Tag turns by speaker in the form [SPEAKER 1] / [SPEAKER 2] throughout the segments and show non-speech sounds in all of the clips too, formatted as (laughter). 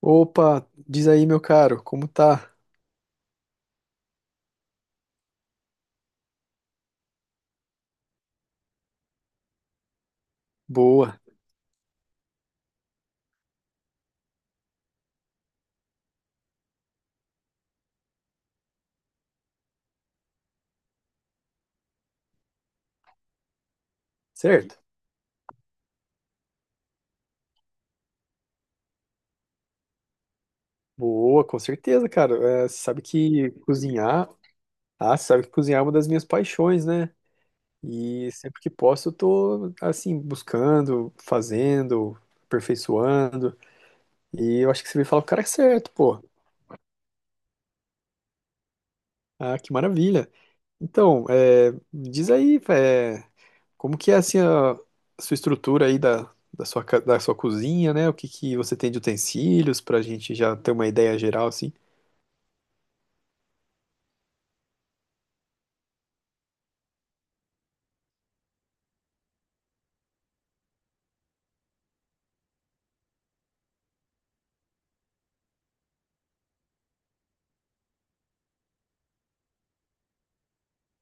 [SPEAKER 1] Opa, diz aí, meu caro, como tá? Boa, certo? Boa, com certeza, cara. É, você sabe que cozinhar, ah, você sabe que cozinhar é uma das minhas paixões, né? E sempre que posso, eu tô, assim, buscando, fazendo, aperfeiçoando. E eu acho que você veio falar com o cara é certo, pô. Ah, que maravilha. Então, é, diz aí, como que é assim a sua estrutura aí da sua, da sua cozinha, né? O que que você tem de utensílios pra gente já ter uma ideia geral assim?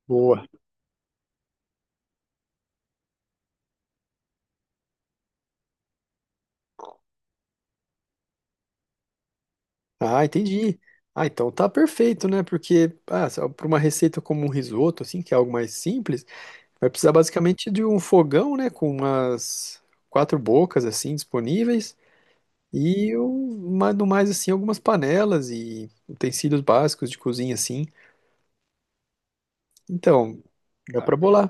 [SPEAKER 1] Boa. Ah, entendi. Ah, então tá perfeito, né? Porque ah, para uma receita como um risoto assim, que é algo mais simples, vai precisar basicamente de um fogão, né, com umas quatro bocas assim disponíveis e um, no mais assim algumas panelas e utensílios básicos de cozinha assim. Então, dá pra bolar.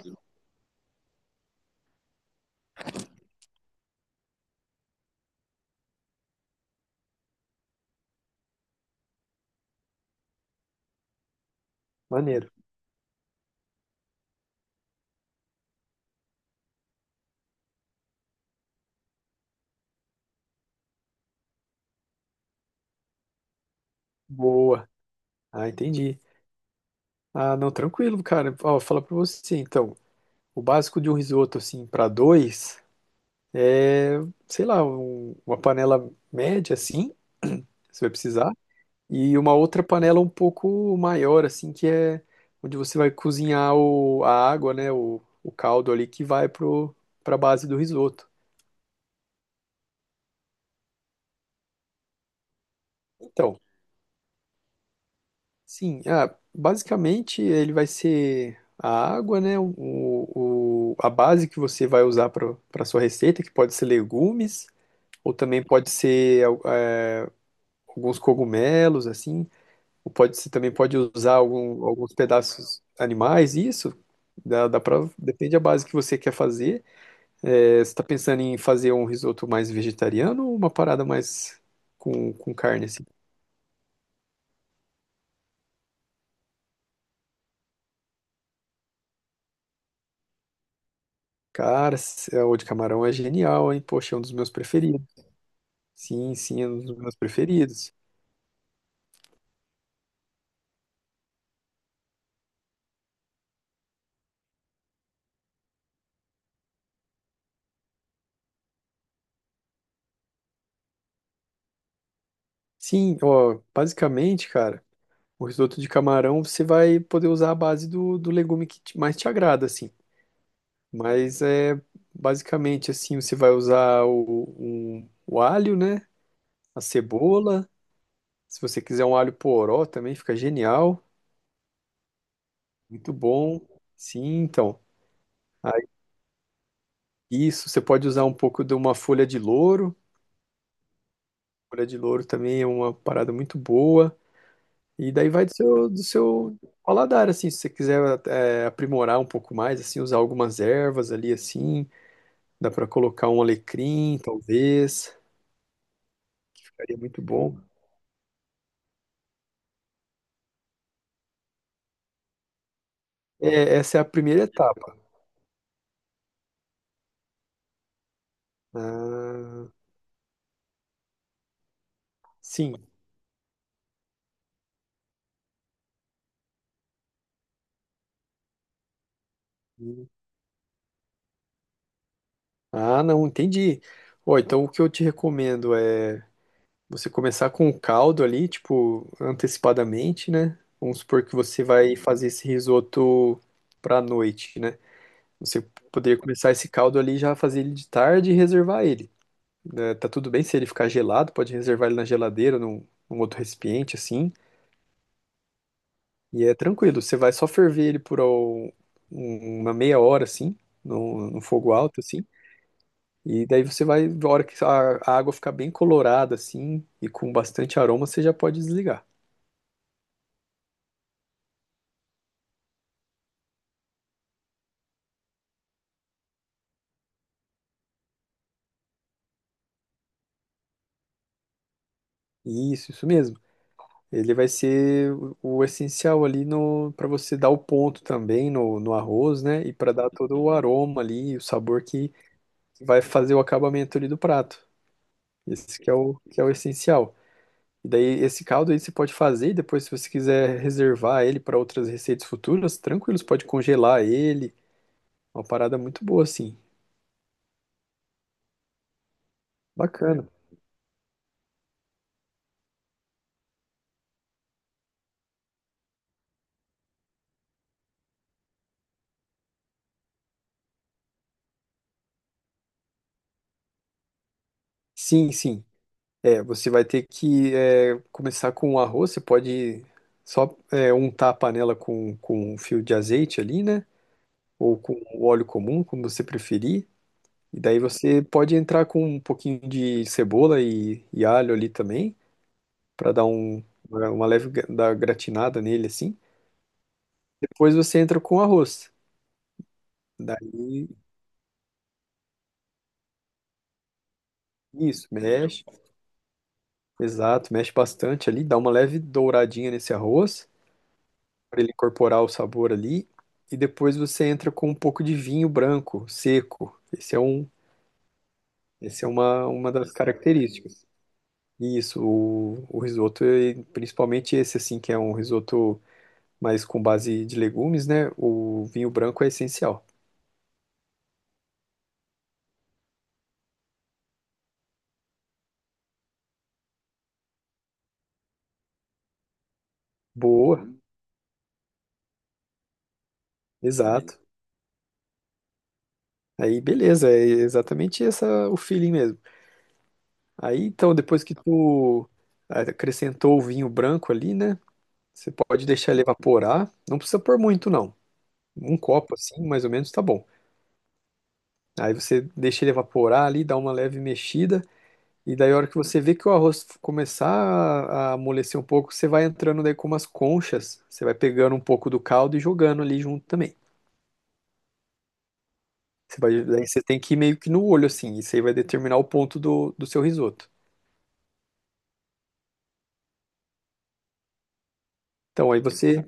[SPEAKER 1] Maneiro. Boa. Ah, entendi. Ah, não, tranquilo, cara. Ó, vou falar pra você, então. O básico de um risoto, assim, pra dois é, sei lá, uma panela média, assim, (clears throat) você vai precisar. E uma outra panela um pouco maior, assim, que é onde você vai cozinhar a água, né? O caldo ali que vai pra base do risoto. Então, sim, ah, basicamente ele vai ser a água, né? A base que você vai usar para sua receita, que pode ser legumes. Ou também pode ser alguns cogumelos, assim, ou pode ser, também pode usar alguns pedaços animais, isso. Dá, depende da base que você quer fazer. É, você está pensando em fazer um risoto mais vegetariano ou uma parada mais com carne, assim? Cara, é, o de camarão é genial, hein? Poxa, é um dos meus preferidos. Sim, sim, é um dos meus preferidos. Sim, ó, basicamente, cara, o risoto de camarão você vai poder usar a base do legume mais te agrada, assim. Mas é basicamente assim, você vai usar o alho, né? A cebola. Se você quiser um alho poró também fica genial, muito bom. Sim, então. Aí isso, você pode usar um pouco de uma folha de louro. Folha de louro também é uma parada muito boa. E daí vai do seu paladar, assim, se você quiser aprimorar um pouco mais, assim, usar algumas ervas ali, assim, dá para colocar um alecrim, talvez, ficaria muito bom. É, essa é a primeira etapa. Ah, sim. Ah, não, entendi. Ó, então o que eu te recomendo é você começar com o caldo ali, tipo, antecipadamente, né? Vamos supor que você vai fazer esse risoto pra noite, né? Você poderia começar esse caldo ali, já fazer ele de tarde e reservar ele. Né? Tá tudo bem se ele ficar gelado, pode reservar ele na geladeira, num outro recipiente, assim. E é tranquilo, você vai só ferver ele por ó, uma meia hora, assim, no fogo alto, assim. E daí você vai, na hora que a água ficar bem colorada assim e com bastante aroma, você já pode desligar. Isso mesmo. Ele vai ser o essencial ali no para você dar o ponto também no arroz, né? E para dar todo o aroma ali, e o sabor que vai fazer o acabamento ali do prato. Esse que é o essencial. E daí esse caldo aí você pode fazer e depois se você quiser reservar ele para outras receitas futuras, tranquilo, você pode congelar ele. Uma parada muito boa assim. Bacana. Sim, sim. É, você vai ter que começar com o arroz, você pode só untar a panela com um fio de azeite ali, né? Ou com óleo comum, como você preferir. E daí você pode entrar com um pouquinho de cebola e alho ali também, para dar um, uma leve dar gratinada nele assim. Depois você entra com o arroz. Daí, isso, mexe, exato, mexe bastante ali, dá uma leve douradinha nesse arroz, para ele incorporar o sabor ali. E depois você entra com um pouco de vinho branco, seco. Esse é um, esse é uma das características. E isso, o risoto, e principalmente esse assim, que é um risoto mais com base de legumes, né? O vinho branco é essencial. Boa, exato. Aí beleza, é exatamente essa o feeling mesmo. Aí então, depois que tu acrescentou o vinho branco ali, né? Você pode deixar ele evaporar. Não precisa pôr muito, não. Um copo assim, mais ou menos, tá bom. Aí você deixa ele evaporar ali, dá uma leve mexida, e daí a hora que você vê que o arroz começar a amolecer um pouco, você vai entrando daí com umas conchas, você vai pegando um pouco do caldo e jogando ali junto também. Você vai, daí você tem que ir meio que no olho assim, isso aí vai determinar o ponto do seu risoto. Então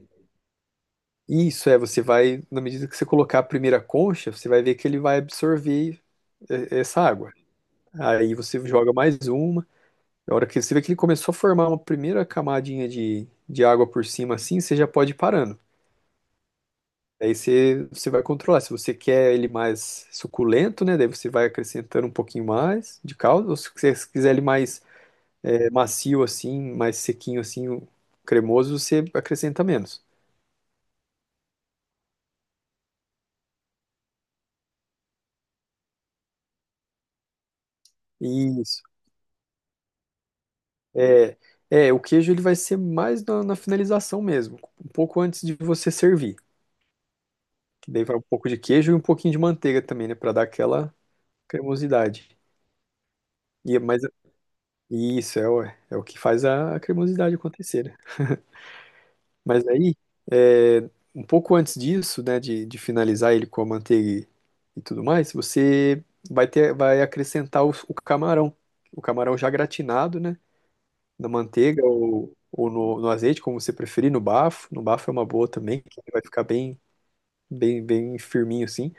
[SPEAKER 1] isso é, você vai, na medida que você colocar a primeira concha, você vai ver que ele vai absorver essa água. Aí você joga mais uma. A hora que você vê que ele começou a formar uma primeira camadinha de água por cima assim, você já pode ir parando. Daí você, você vai controlar. Se você quer ele mais suculento, né? Daí você vai acrescentando um pouquinho mais de caldo. Ou se você quiser ele mais macio assim, mais sequinho assim, cremoso, você acrescenta menos. Isso. É, é, o queijo ele vai ser mais na finalização mesmo, um pouco antes de você servir. Que daí vai um pouco de queijo e um pouquinho de manteiga também, né? Para dar aquela cremosidade. E, mas isso é é o que faz a cremosidade acontecer, né? Mas aí, é, um pouco antes disso, né, de finalizar ele com a manteiga e tudo mais, você vai ter, vai acrescentar o camarão. O camarão já gratinado, né, na manteiga ou no azeite, como você preferir, no bafo. No bafo é uma boa também, que vai ficar bem, bem, bem firminho assim.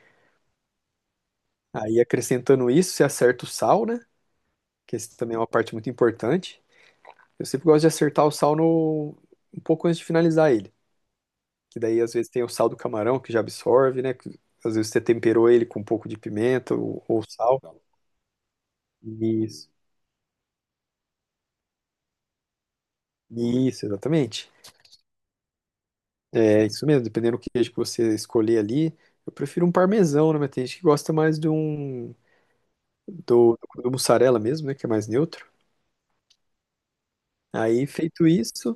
[SPEAKER 1] Aí, acrescentando isso, você acerta o sal, né, que esse também é uma parte muito importante. Eu sempre gosto de acertar o sal no, um pouco antes de finalizar ele. Que daí às vezes tem o sal do camarão que já absorve, né? Que às vezes você temperou ele com um pouco de pimenta ou sal. Isso, isso, exatamente. É isso mesmo, dependendo do queijo que você escolher ali. Eu prefiro um parmesão, né? Mas tem gente que gosta mais de um do mussarela mesmo, né? Que é mais neutro. Aí, feito isso,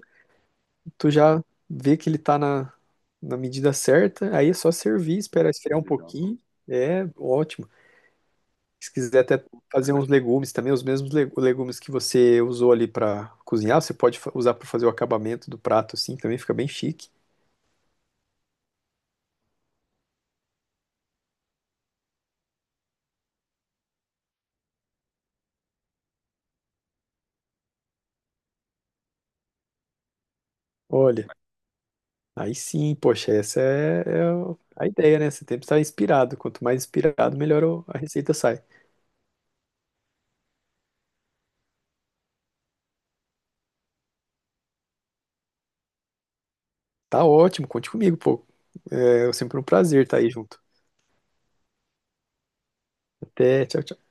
[SPEAKER 1] tu já vê que ele tá na medida certa. Aí é só servir, esperar esfriar um pouquinho. É ótimo. Se quiser até fazer uns legumes também, os mesmos legumes que você usou ali para cozinhar, você pode usar para fazer o acabamento do prato, assim, também fica bem chique. Olha, aí sim, poxa, essa é, é a ideia, né? Você tem que estar inspirado. Quanto mais inspirado, melhor a receita sai. Tá ótimo, conte comigo, pô. É sempre um prazer estar aí junto. Até, tchau, tchau.